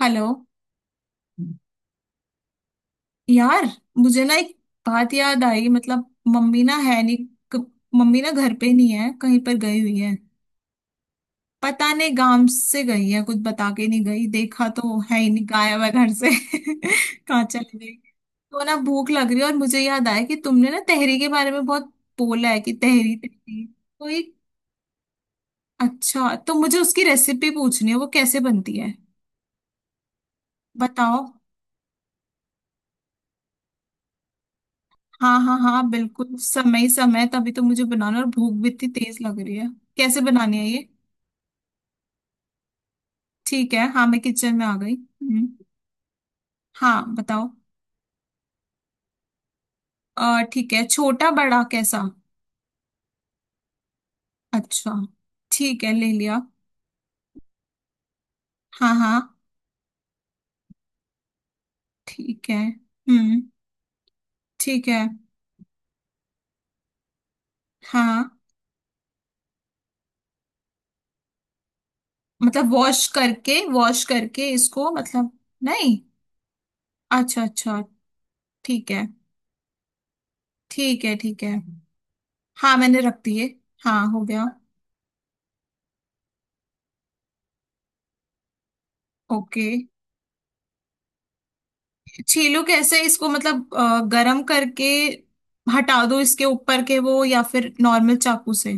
Hello यार, मुझे ना एक बात याद आई। मतलब मम्मी ना है नहीं। क- मम्मी ना घर पे नहीं है, कहीं पर गई हुई है। पता नहीं गांव से गई है, कुछ बता के नहीं गई। देखा तो है ही नहीं, गायब है घर से। कहाँ चली गई। तो ना भूख लग रही है, और मुझे याद आया कि तुमने ना तहरी के बारे में बहुत बोला है कि तहरी। तहरी तो एक। अच्छा, तो मुझे उसकी रेसिपी पूछनी है, वो कैसे बनती है। बताओ। हाँ हाँ हाँ, बिल्कुल समय ही समय है, तभी तो मुझे बनाना। और भूख भी इतनी तेज लग रही है। कैसे बनानी है ये। ठीक है। हाँ मैं किचन में आ गई। हम्म। हाँ बताओ। ठीक है, छोटा बड़ा कैसा। अच्छा। ठीक है, ले लिया। हाँ हाँ। ठीक है। हम्म। ठीक है। हाँ। मतलब वॉश करके इसको, मतलब। नहीं। अच्छा अच्छा। ठीक है ठीक है। ठीक है। हाँ मैंने रख दिए। हाँ हो गया। ओके। छीलो कैसे इसको, मतलब गरम करके हटा दो इसके ऊपर के वो, या फिर नॉर्मल चाकू से।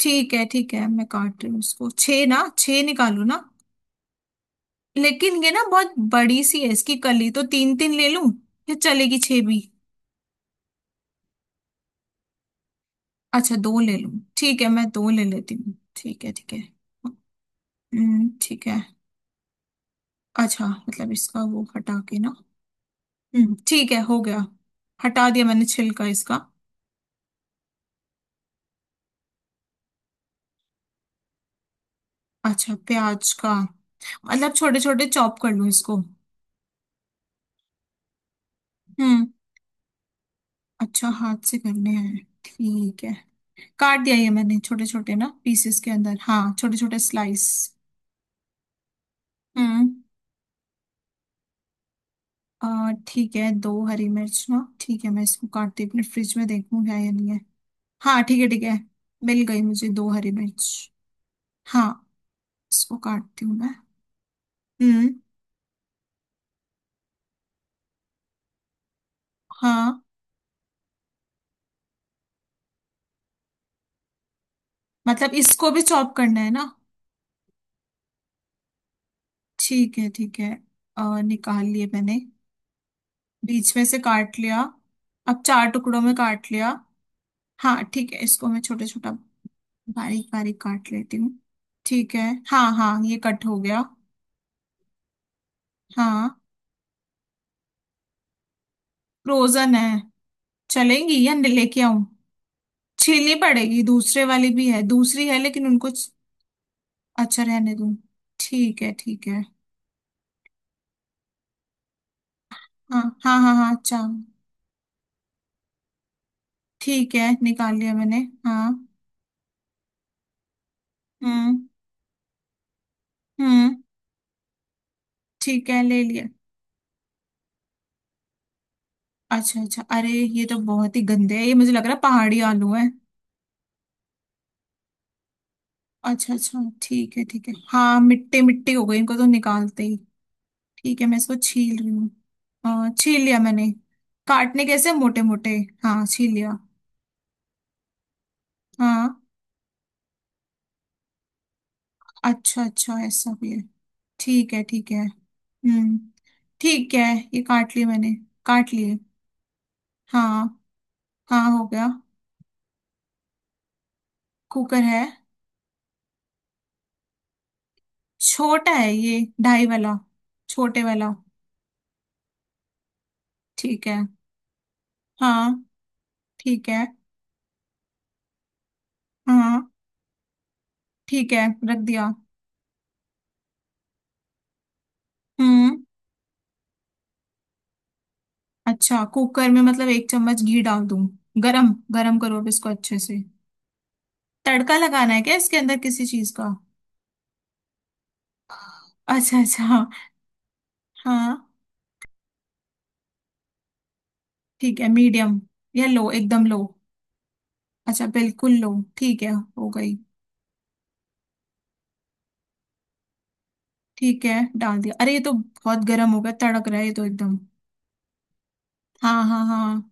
ठीक है ठीक है, मैं काट रही हूँ इसको। छह ना, छह निकालू ना। लेकिन ये ना बहुत बड़ी सी है इसकी कली, तो तीन तीन ले लूं या चलेगी छह भी। अच्छा दो ले लूं। ठीक है, मैं दो ले लेती हूँ। ठीक है ठीक है। हम्म। ठीक है। अच्छा, मतलब इसका वो हटा के ना। हम्म। ठीक है, हो गया। हटा दिया मैंने छिलका इसका। अच्छा, प्याज का। मतलब छोटे छोटे चॉप कर लूँ इसको। हम्म। अच्छा, हाथ से करने हैं, ठीक है। काट दिया ये मैंने छोटे छोटे ना पीसेस के अंदर। हाँ, छोटे छोटे स्लाइस। हम्म। और, ठीक है, दो हरी मिर्च ना। ठीक है, मैं इसको काटती हूँ, अपने फ्रिज में देखूँ है या नहीं है। हाँ ठीक है ठीक है। मिल गई मुझे दो हरी मिर्च। हाँ। इसको काटती हूँ मैं। हम्म। हाँ। मतलब इसको भी चॉप करना है ना। ठीक है ठीक है। और निकाल लिए मैंने। बीच में से काट लिया। अब चार टुकड़ों में काट लिया। हाँ ठीक है, इसको मैं छोटा छोटा बारीक बारीक काट लेती हूँ। ठीक है। हाँ हाँ, ये कट हो गया। हाँ, फ्रोजन है। चलेंगी, या लेके आऊं। छीलनी पड़ेगी। दूसरे वाली भी है, दूसरी है, लेकिन उनको अच्छा, रहने दूं। ठीक है ठीक है। हाँ हाँ हाँ हाँ अच्छा। ठीक है, निकाल लिया मैंने। हाँ। हम्म। हम्म। ठीक है, ले लिया। अच्छा अच्छा, अरे ये तो बहुत ही गंदे है ये, मुझे लग रहा है पहाड़ी आलू है। अच्छा अच्छा, ठीक है ठीक है। हाँ, मिट्टी मिट्टी हो गई इनको तो निकालते ही। ठीक है, मैं इसको छील रही हूँ। छील लिया मैंने। काटने कैसे, मोटे मोटे। हाँ छील लिया। हाँ अच्छा अच्छा, ऐसा भी है। ठीक है ठीक है। हम्म। ठीक है। ये काट लिए मैंने। काट लिए। हाँ। हाँ हो गया। कुकर है। छोटा है ये, ढाई वाला। छोटे वाला। ठीक है। हाँ। ठीक है। हाँ ठीक है, रख दिया। हम्म। अच्छा, कुकर में मतलब एक चम्मच घी डाल दूं। गरम गरम करो अब इसको अच्छे से। तड़का लगाना है क्या इसके अंदर किसी चीज का। अच्छा अच्छा हाँ। हाँ, ठीक है। मीडियम या लो, एकदम लो। अच्छा, बिल्कुल लो। ठीक है, हो गई। ठीक है, डाल दिया। अरे, ये तो बहुत गर्म हो गया, तड़क रहा है ये तो एकदम। हाँ हाँ हाँ हाँ,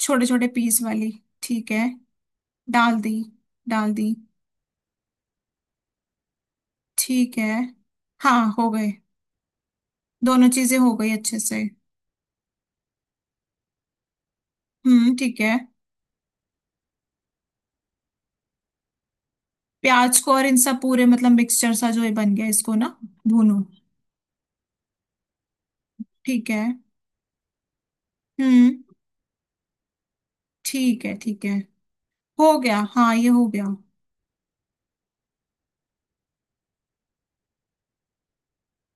छोटे छोटे पीस वाली। ठीक है, डाल दी। डाल दी। ठीक है। हाँ हो गए। दोनों चीजें हो गई अच्छे से। ठीक है। प्याज को, और इन सब पूरे मतलब मिक्सचर सा जो ये बन गया इसको ना भूनो। ठीक है। हम्म ठीक है ठीक है। हो गया। हाँ ये हो गया।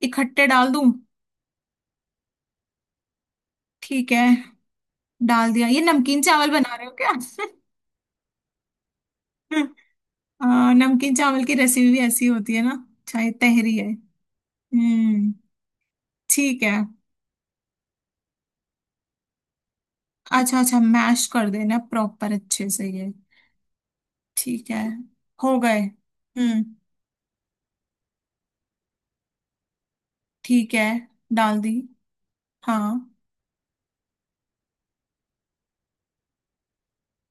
इकट्ठे डाल दूं। ठीक है। डाल दिया। ये नमकीन चावल बना रहे हो क्या। नमकीन चावल की रेसिपी भी ऐसी होती है ना। अच्छा, ये तहरी है। हम्म। ठीक है। अच्छा अच्छा, मैश कर देना प्रॉपर अच्छे से ये। ठीक है, हो गए। हम्म। ठीक है, डाल दी। हाँ।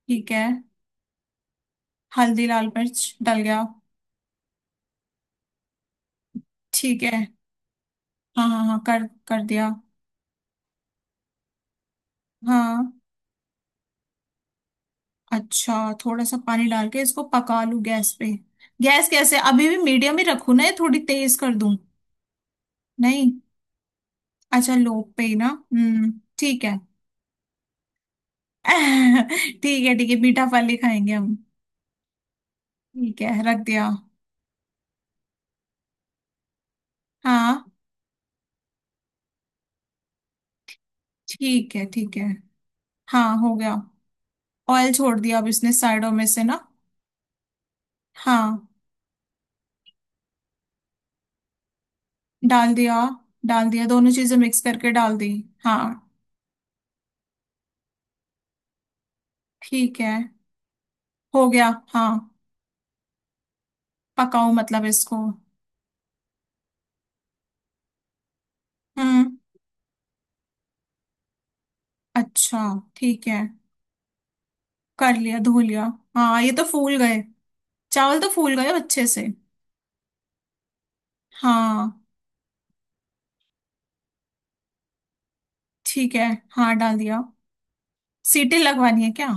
ठीक है, हल्दी लाल मिर्च डल गया। ठीक है। हाँ हाँ हाँ, कर कर दिया। हाँ। अच्छा, थोड़ा सा पानी डाल के इसको पका लूं गैस पे। गैस कैसे, अभी भी मीडियम ही रखूं ना, या थोड़ी तेज कर दूं। नहीं। अच्छा, लो पे ही ना। हम्म ठीक है। ठीक है ठीक है, मीठा फल ही खाएंगे हम। ठीक है, रख दिया। हाँ। ठीक है ठीक है। हाँ हो गया। ऑयल छोड़ दिया अब इसने साइडों में से ना। हाँ। डाल दिया। डाल दिया दोनों चीजें मिक्स करके डाल दी। हाँ। ठीक है। हो गया। हाँ। पकाओ मतलब इसको। हम्म। अच्छा ठीक है। कर लिया, धो लिया। हाँ ये तो फूल गए। चावल तो फूल गए अच्छे से। हाँ। ठीक है। हाँ डाल दिया। सीटी लगवानी है क्या।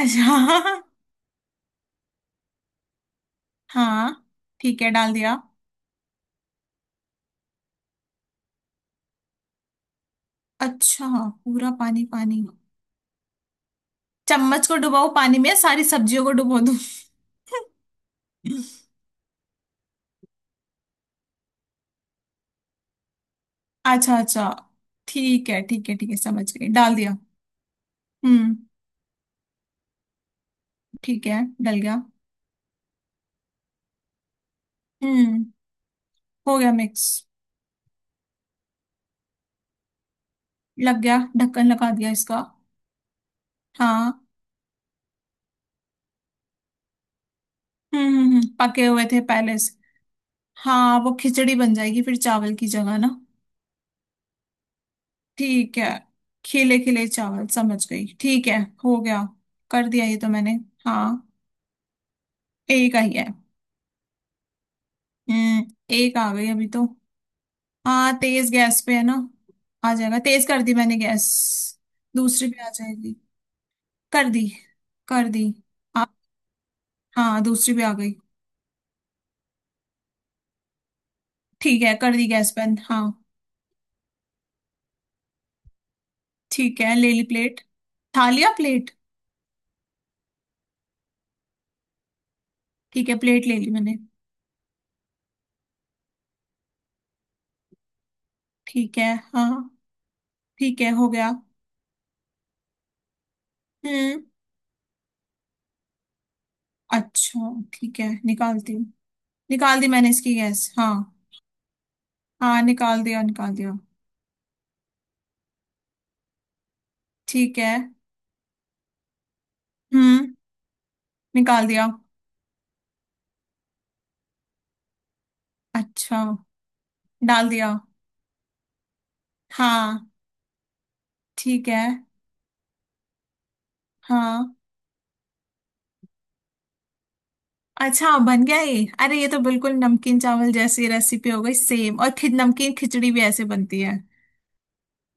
अच्छा। हाँ ठीक है, डाल दिया। अच्छा, पूरा पानी पानी। चम्मच को डुबाओ पानी में, सारी सब्जियों को डुबो दूं। अच्छा अच्छा, ठीक है ठीक है ठीक है, समझ गई, डाल दिया। हम्म। ठीक है, डल गया। हम्म। हो गया मिक्स। लग गया, ढक्कन लगा दिया इसका। हाँ। पके हुए थे पहले से। हाँ, वो खिचड़ी बन जाएगी फिर चावल की जगह ना। ठीक है, खिले खिले चावल, समझ गई। ठीक है, हो गया। कर दिया ये तो मैंने। हाँ। एक आई है। हम्म, एक आ गई अभी तो। हाँ, तेज गैस पे है ना। आ जाएगा, तेज कर दी मैंने गैस। दूसरी पे आ जाएगी। कर दी। कर दी। आ, हाँ, दूसरी पे आ गई। ठीक है, कर दी गैस बंद। हाँ। ठीक है, ले ली प्लेट। खा लिया प्लेट। ठीक है, प्लेट ले ली मैंने। ठीक है। हाँ। ठीक है हो गया। हम्म। अच्छा, ठीक है, निकालती हूँ। निकाल दी मैंने इसकी गैस। हाँ। हाँ निकाल दिया, निकाल दिया। ठीक है। हम्म। निकाल दिया। अच्छा। डाल दिया। हाँ। ठीक है। हाँ। अच्छा, बन गया ये। अरे, ये तो बिल्कुल नमकीन चावल जैसी रेसिपी हो गई सेम। और खि नमकीन खिचड़ी भी ऐसे बनती है।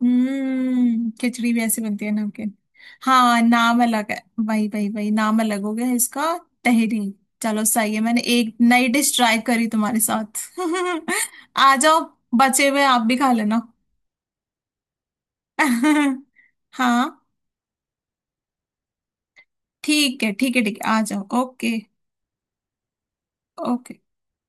हम्म, खिचड़ी भी ऐसे बनती है नमकीन। हाँ, नाम अलग है। वही वही वही, नाम अलग हो गया इसका। तहरी। चलो सही है, मैंने एक नई डिश ट्राई करी तुम्हारे साथ। आ जाओ, बचे हुए आप भी खा लेना। हाँ ठीक है ठीक है ठीक है, आ जाओ। Okay okay.